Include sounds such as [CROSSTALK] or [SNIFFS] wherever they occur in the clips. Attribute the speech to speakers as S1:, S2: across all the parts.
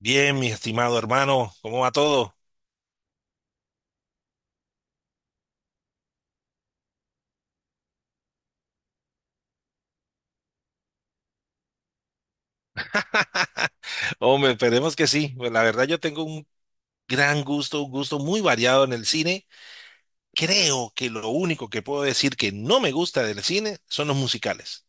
S1: Bien, mi estimado hermano, ¿cómo va todo? [LAUGHS] Hombre, esperemos que sí. Pues la verdad yo tengo un gran gusto, un gusto muy variado en el cine. Creo que lo único que puedo decir que no me gusta del cine son los musicales.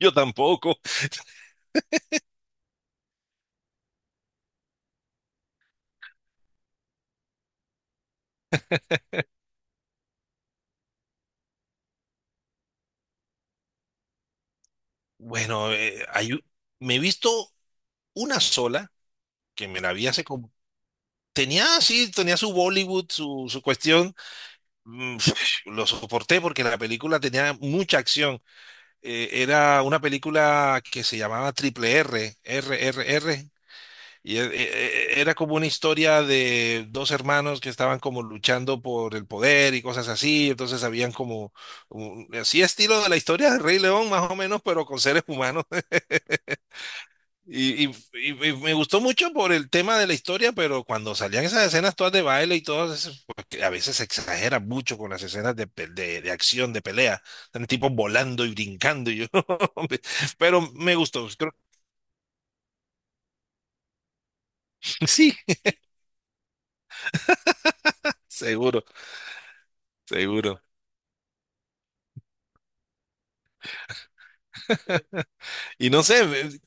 S1: Yo tampoco. Bueno, hay me he visto una sola que me la vi hace como... Tenía, sí, tenía su Bollywood, su cuestión. Mm. [LAUGHS] [SNIFFS] Lo soporté porque la película tenía mucha acción. Era una película que se llamaba Triple R, RRR, y e- era como una historia de dos hermanos que estaban como luchando por el poder y cosas así. Entonces habían como, así estilo de la historia del Rey León, más o menos, pero con seres humanos. Y me gustó mucho por el tema de la historia, pero cuando salían esas escenas todas de baile y todo eso, porque a veces se exagera mucho con las escenas de acción, de pelea, están tipos volando y brincando, y yo, [LAUGHS] hombre, pero me gustó, creo. [LAUGHS] Sí, seguro, seguro. Y no sé,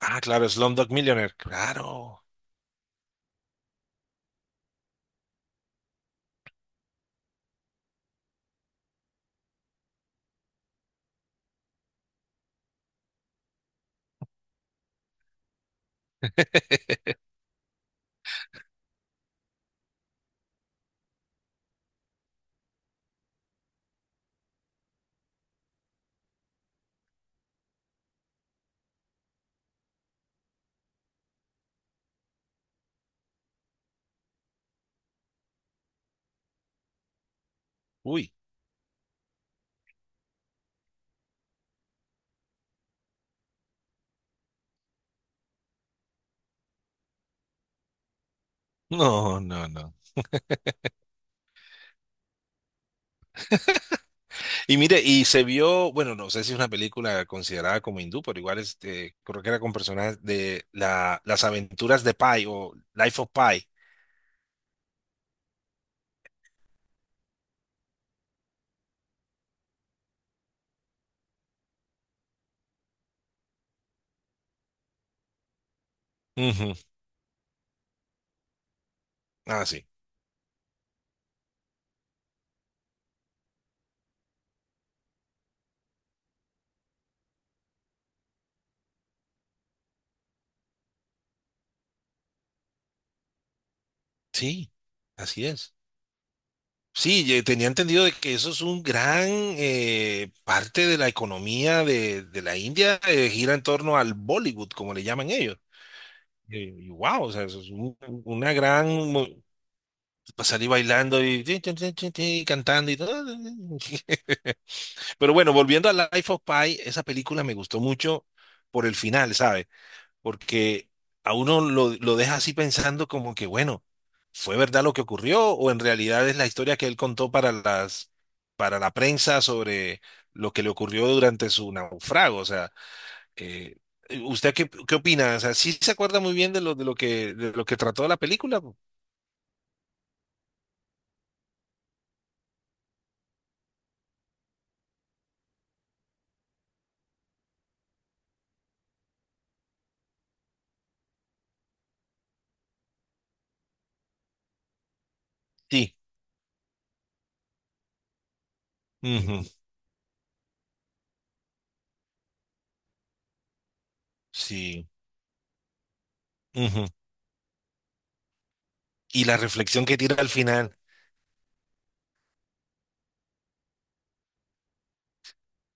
S1: ah, claro, Slumdog Millionaire, claro, uy, no, no, no. Y mire, y se vio, bueno, no sé si es una película considerada como hindú, pero igual este, creo que era con personajes de las aventuras de Pi o Life of Pi. Ujú. Ah, sí. Sí, así es. Sí, tenía entendido de que eso es un gran parte de la economía de la India, gira en torno al Bollywood, como le llaman ellos. Y, wow, o sea, eso es una gran... mo- Salir bailando y tin, tin, tin, tin, tin, cantando y todo. [LAUGHS] Pero bueno, volviendo a Life of Pi, esa película me gustó mucho por el final, ¿sabe? Porque a uno lo deja así pensando como que, bueno, ¿fue verdad lo que ocurrió o en realidad es la historia que él contó para para la prensa sobre lo que le ocurrió durante su naufrago? O sea, eh, ¿usted qué, qué opina? O sea, ¿sí se acuerda muy bien de lo que trató la película? Sí. Ujú. Sí. Ujú. Y la reflexión que tira al final.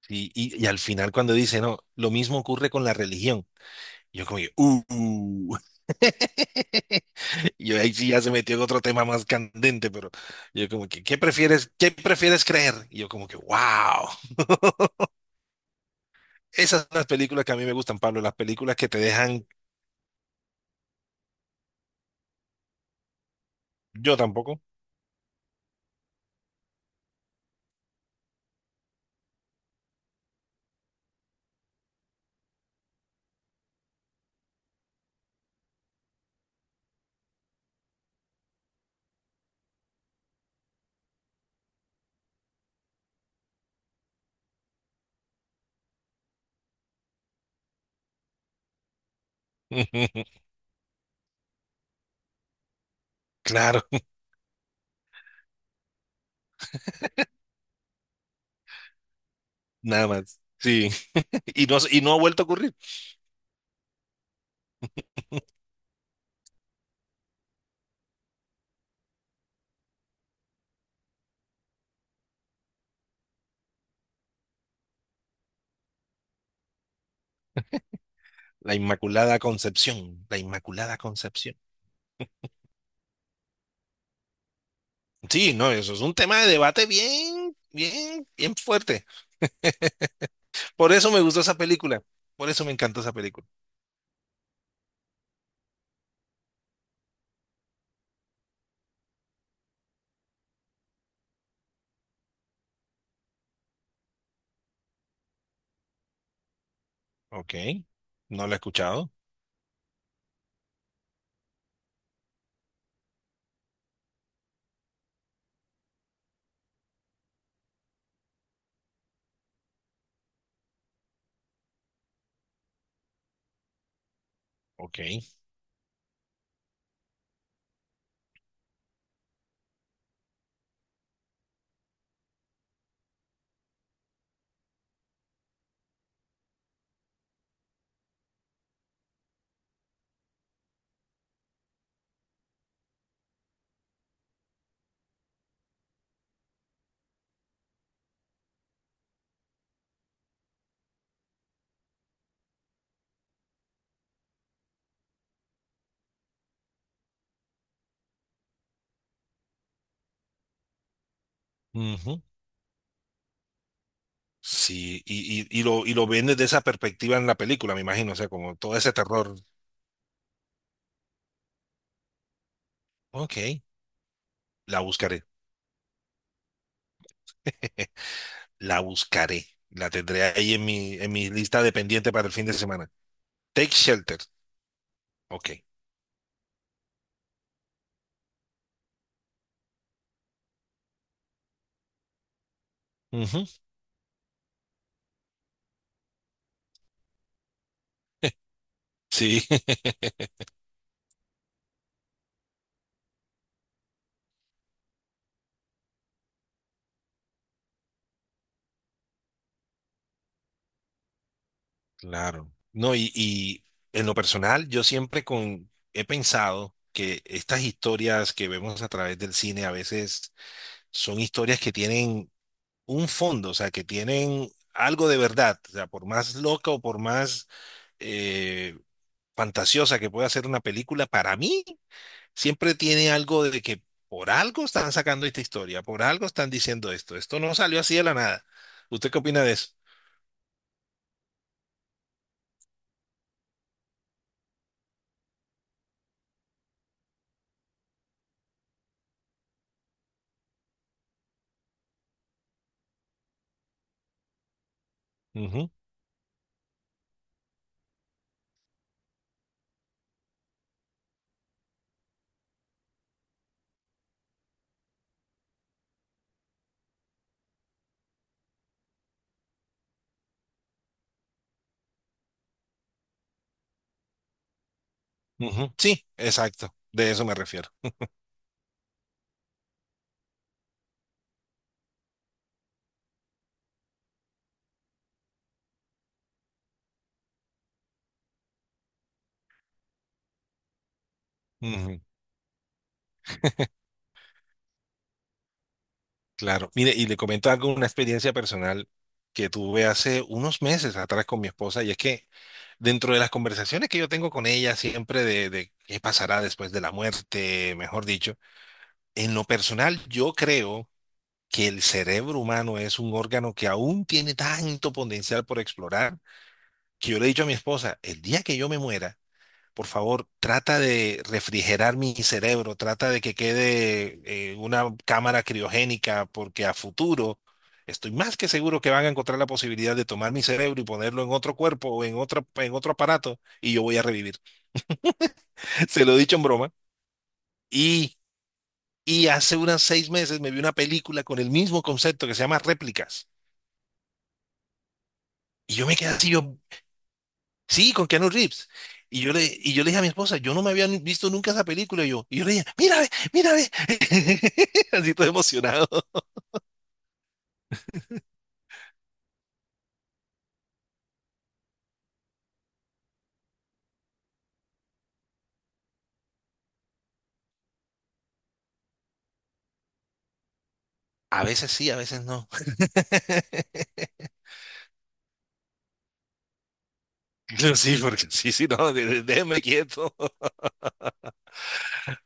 S1: Y al final cuando dice, no, lo mismo ocurre con la religión. Y yo como, que. [LAUGHS] Y yo ahí sí ya se metió en otro tema más candente, pero yo como que, qué prefieres creer? Y yo como que, wow. Esas son las películas que a mí me gustan, Pablo, las películas que te dejan. Yo tampoco. [LAUGHS] Claro, nada más. Sí, [LAUGHS] y no ha vuelto a ocurrir. La Inmaculada Concepción, la Inmaculada Concepción. Sí, no, eso es un tema de debate bien, bien, bien fuerte. Por eso me gustó esa película. Por eso me encantó esa película. Ok. No la he escuchado. Ok. Ujú. Sí, y lo ven desde esa perspectiva en la película, me imagino. O sea, como todo ese terror. Ok. La buscaré. [LAUGHS] La buscaré. La tendré ahí en mi lista de pendiente para el fin de semana. Take Shelter. Ok. Ujú. Sí, [LAUGHS] claro. No, y en lo personal, yo siempre he pensado que estas historias que vemos a través del cine a veces son historias que tienen un fondo, o sea, que tienen algo de verdad. O sea, por más loca o por más eh, fantasiosa que pueda ser una película, para mí siempre tiene algo de que por algo están sacando esta historia, por algo están diciendo esto. Esto no salió así de la nada. ¿Usted qué opina de eso? Ujú, ujú. Sí, exacto. De eso me refiero. Ujú. Claro, mire, y le comento algo, una experiencia personal que tuve hace unos meses atrás con mi esposa, y es que dentro de las conversaciones que yo tengo con ella siempre de qué pasará después de la muerte, mejor dicho, en lo personal yo creo que el cerebro humano es un órgano que aún tiene tanto potencial por explorar, que yo le he dicho a mi esposa, el día que yo me muera, por favor, trata de refrigerar mi cerebro, trata de que quede una cámara criogénica, porque a futuro estoy más que seguro que van a encontrar la posibilidad de tomar mi cerebro y ponerlo en otro cuerpo o en otro aparato y yo voy a revivir. [LAUGHS] Se lo he dicho en broma. Y, y hace unas 6 meses me vi una película con el mismo concepto que se llama Réplicas. Y yo me quedé así, sí, con Keanu Reeves. Y yo le dije a mi esposa, yo no me había visto nunca esa película. Y yo le dije, mira, ve, mira, ve. [LAUGHS] Así todo emocionado. A veces sí, a veces no. [LAUGHS] Sí, porque sí, sí, no, déjeme quieto. [LAUGHS]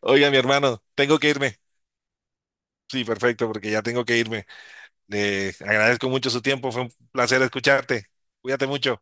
S1: Oiga, mi hermano, tengo que irme. Sí, perfecto, porque ya tengo que irme. Agradezco mucho su tiempo, fue un placer escucharte. Cuídate mucho.